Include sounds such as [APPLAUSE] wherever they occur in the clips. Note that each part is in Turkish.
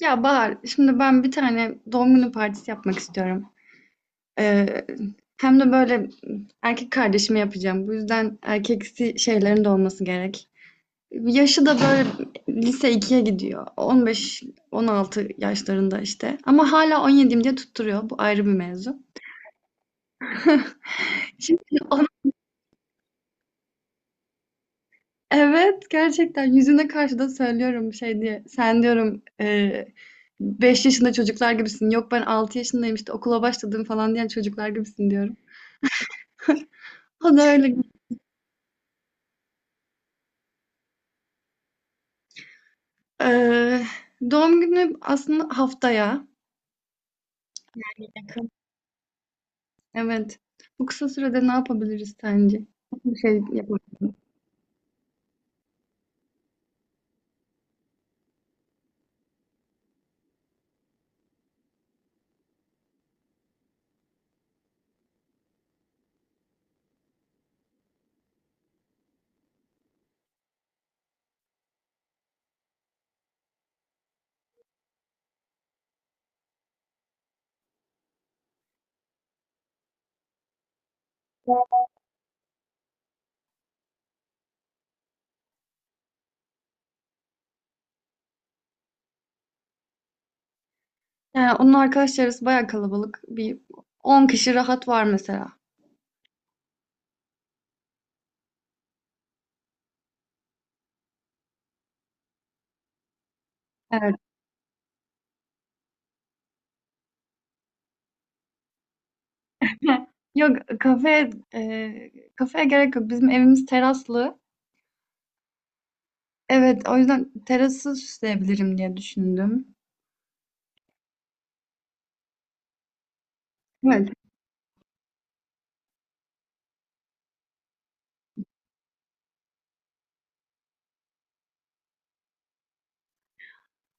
Ya Bahar, şimdi ben bir tane doğum günü partisi yapmak istiyorum. Ee, hem de böyle erkek kardeşime yapacağım. Bu yüzden erkeksi şeylerin de olması gerek. Yaşı da böyle lise ikiye gidiyor. 15-16 yaşlarında işte. Ama hala 17'yim diye tutturuyor. Bu ayrı bir mevzu. Şimdi onu- evet, gerçekten yüzüne karşı da söylüyorum şey diye. Sen diyorum 5 yaşında çocuklar gibisin. Yok, ben 6 yaşındayım işte okula başladım falan diyen çocuklar gibisin. O da öyle. Eee, doğum günü aslında haftaya. Evet. Bu kısa sürede ne yapabiliriz sence? Bir şey yapalım. Yani onun arkadaş çevresi bayağı kalabalık. Bir 10 kişi rahat var mesela. Evet. Yok, kafe kafeye gerek yok. Bizim evimiz teraslı. Evet, o yüzden terası süsleyebilirim diye düşündüm. Evet.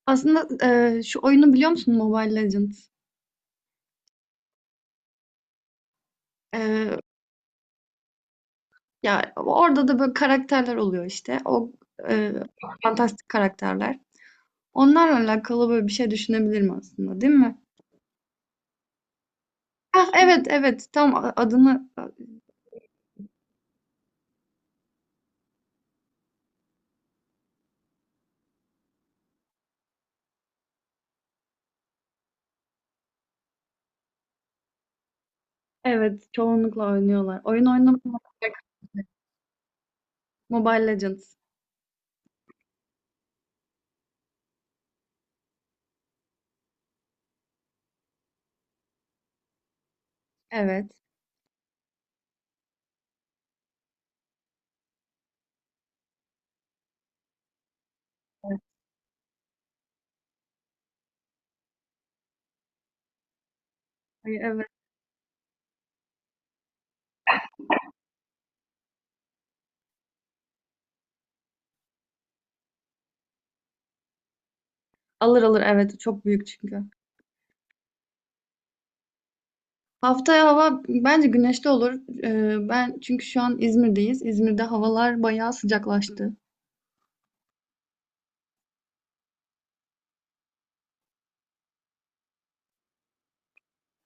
Aslında şu oyunu biliyor musun Mobile Legends? Eee, Ya orada da böyle karakterler oluyor işte. E, fantastik karakterler. Onlarla alakalı böyle bir şey düşünebilirim aslında, değil mi? Ah, evet evet, tam adını evet çoğunlukla oynuyorlar. Oyun oynamak Mobile Legends. Evet. Evet. Ay, evet. Alır alır, evet, çok büyük çünkü. Haftaya hava bence güneşli olur. Ben çünkü şu an İzmir'deyiz. İzmir'de havalar bayağı sıcaklaştı.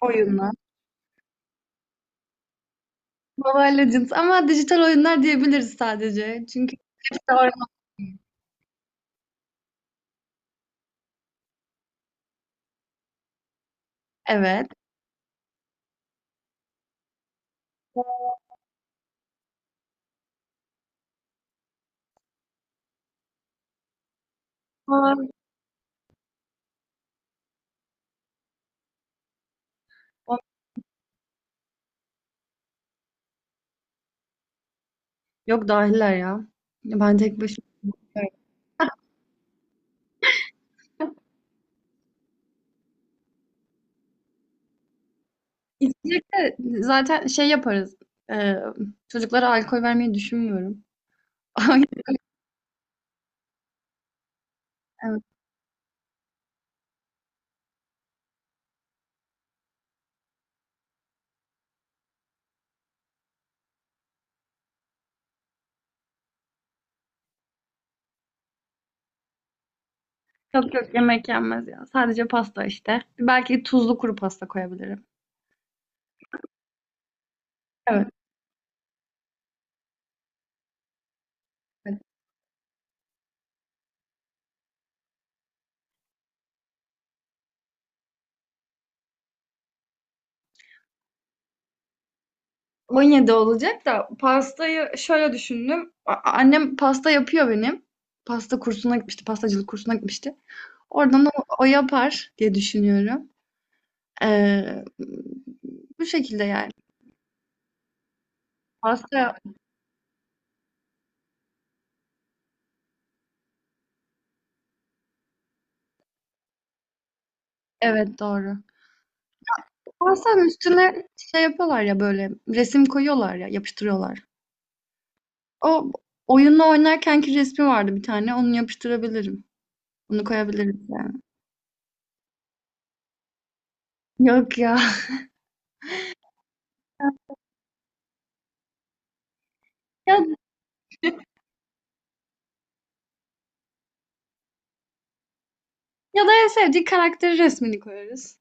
Oyunlar. Mobile Legends ama dijital oyunlar diyebiliriz sadece. Çünkü evet. Onlar- Yok, dahiller ya. Ben tek başıma giderim. İçecek de zaten şey yaparız. Ee, çocuklara alkol vermeyi düşünmüyorum. [LAUGHS] Evet. Çok çok yemek yenmez ya. Sadece pasta işte. Belki tuzlu kuru pasta koyabilirim. Evet. Evet. 17 olacak da pastayı şöyle düşündüm. Annem pasta yapıyor benim. Pasta kursuna gitmişti. Pastacılık kursuna gitmişti. Oradan o yapar diye düşünüyorum. Ee, bu şekilde yani. Pasta, evet, doğru. Pastanın üstüne şey yapıyorlar ya, böyle resim koyuyorlar ya yapıştırıyorlar. O oyunla oynarkenki resmi vardı bir tane, onu yapıştırabilirim. Onu koyabilirim yani. Yok ya. [LAUGHS] Ya, ya da en sevdiği karakteri resmini koyarız.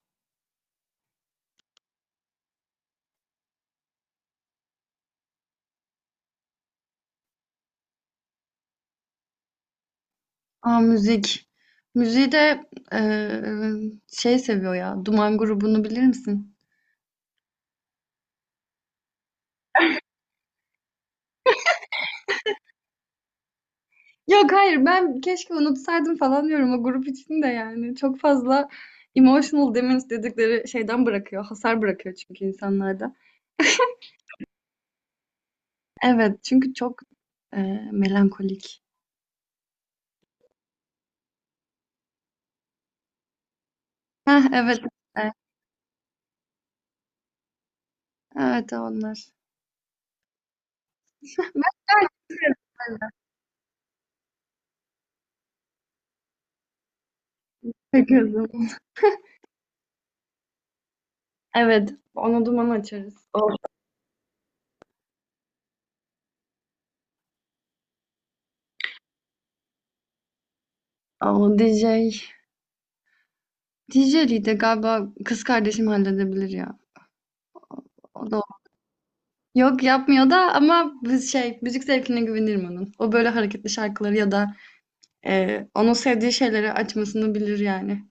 Aa, müzik. Müziği de eee, şey seviyor ya. Duman grubunu bilir misin? Yok hayır, ben keşke unutsaydım falan diyorum o grup içinde yani. Çok fazla emotional damage dedikleri şeyden bırakıyor. Hasar bırakıyor çünkü insanlarda. Evet, çünkü çok e, melankolik. Heh, evet. e, Evet, onlar. Peki o zaman. Evet. Onu duman açarız. O DJ. DJ'liği de galiba kız kardeşim halledebilir ya. O da yok, yapmıyor da, ama biz şey, müzik zevkine güvenirim onun. O böyle hareketli şarkıları ya da onun sevdiği şeyleri açmasını bilir yani.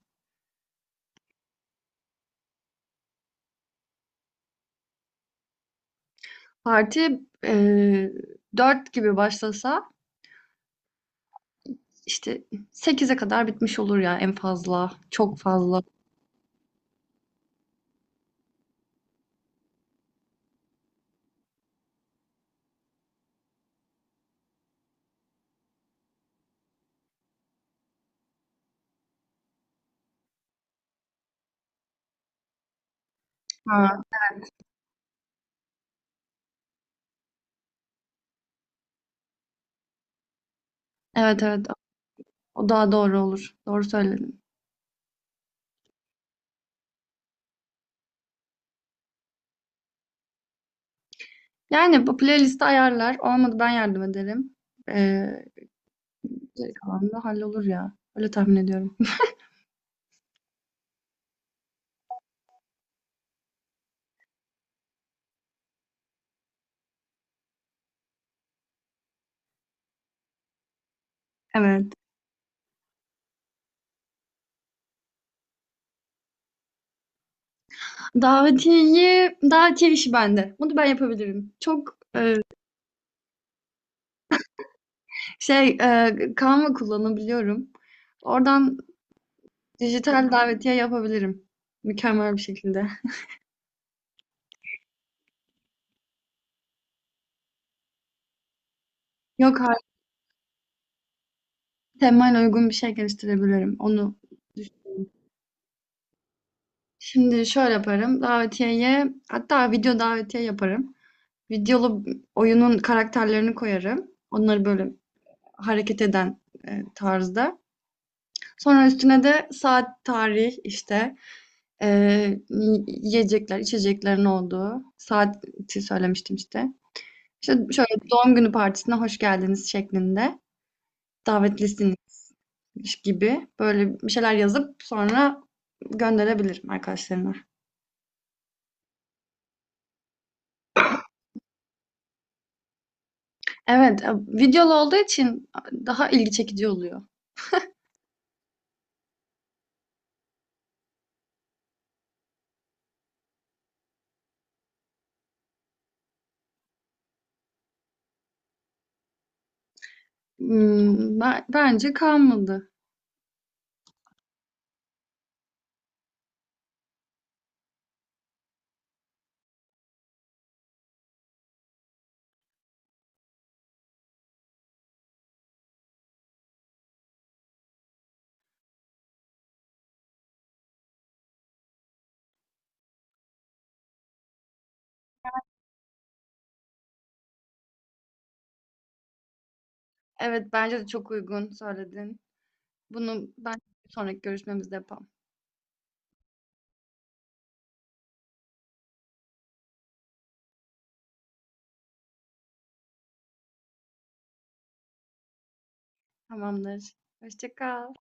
Parti e, 4 gibi başlasa işte 8'e kadar bitmiş olur ya, en fazla. Çok fazla. Ha, evet evet, o daha doğru olur. Doğru söyledin. Yani bu playlisti ayarlar. Olmadı ben yardım ederim. Ee, geri kalan da hallolur ya. Öyle tahmin ediyorum. [LAUGHS] Evet. Davetiye işi bende. Bunu ben yapabilirim. Çok şey Canva kullanabiliyorum. Oradan dijital davetiye yapabilirim. Mükemmel bir şekilde. Yok artık, temayla uygun bir şey geliştirebilirim. Onu düşünüyorum. Şimdi şöyle yaparım. Davetiyeye hatta video davetiye yaparım. Videolu oyunun karakterlerini koyarım. Onları böyle hareket eden tarzda. Sonra üstüne de saat, tarih işte, e, yiyecekler, içeceklerin olduğu saati söylemiştim işte. İşte şöyle doğum günü partisine hoş geldiniz şeklinde. Davetlisiniz gibi böyle bir şeyler yazıp sonra gönderebilirim arkadaşlarına. Evet, videolu olduğu için daha ilgi çekici oluyor. Hmm, bence kalmadı. Evet, bence de çok uygun söyledin. Bunu ben sonraki görüşmemizde yapalım. Tamamdır. Hoşça kal.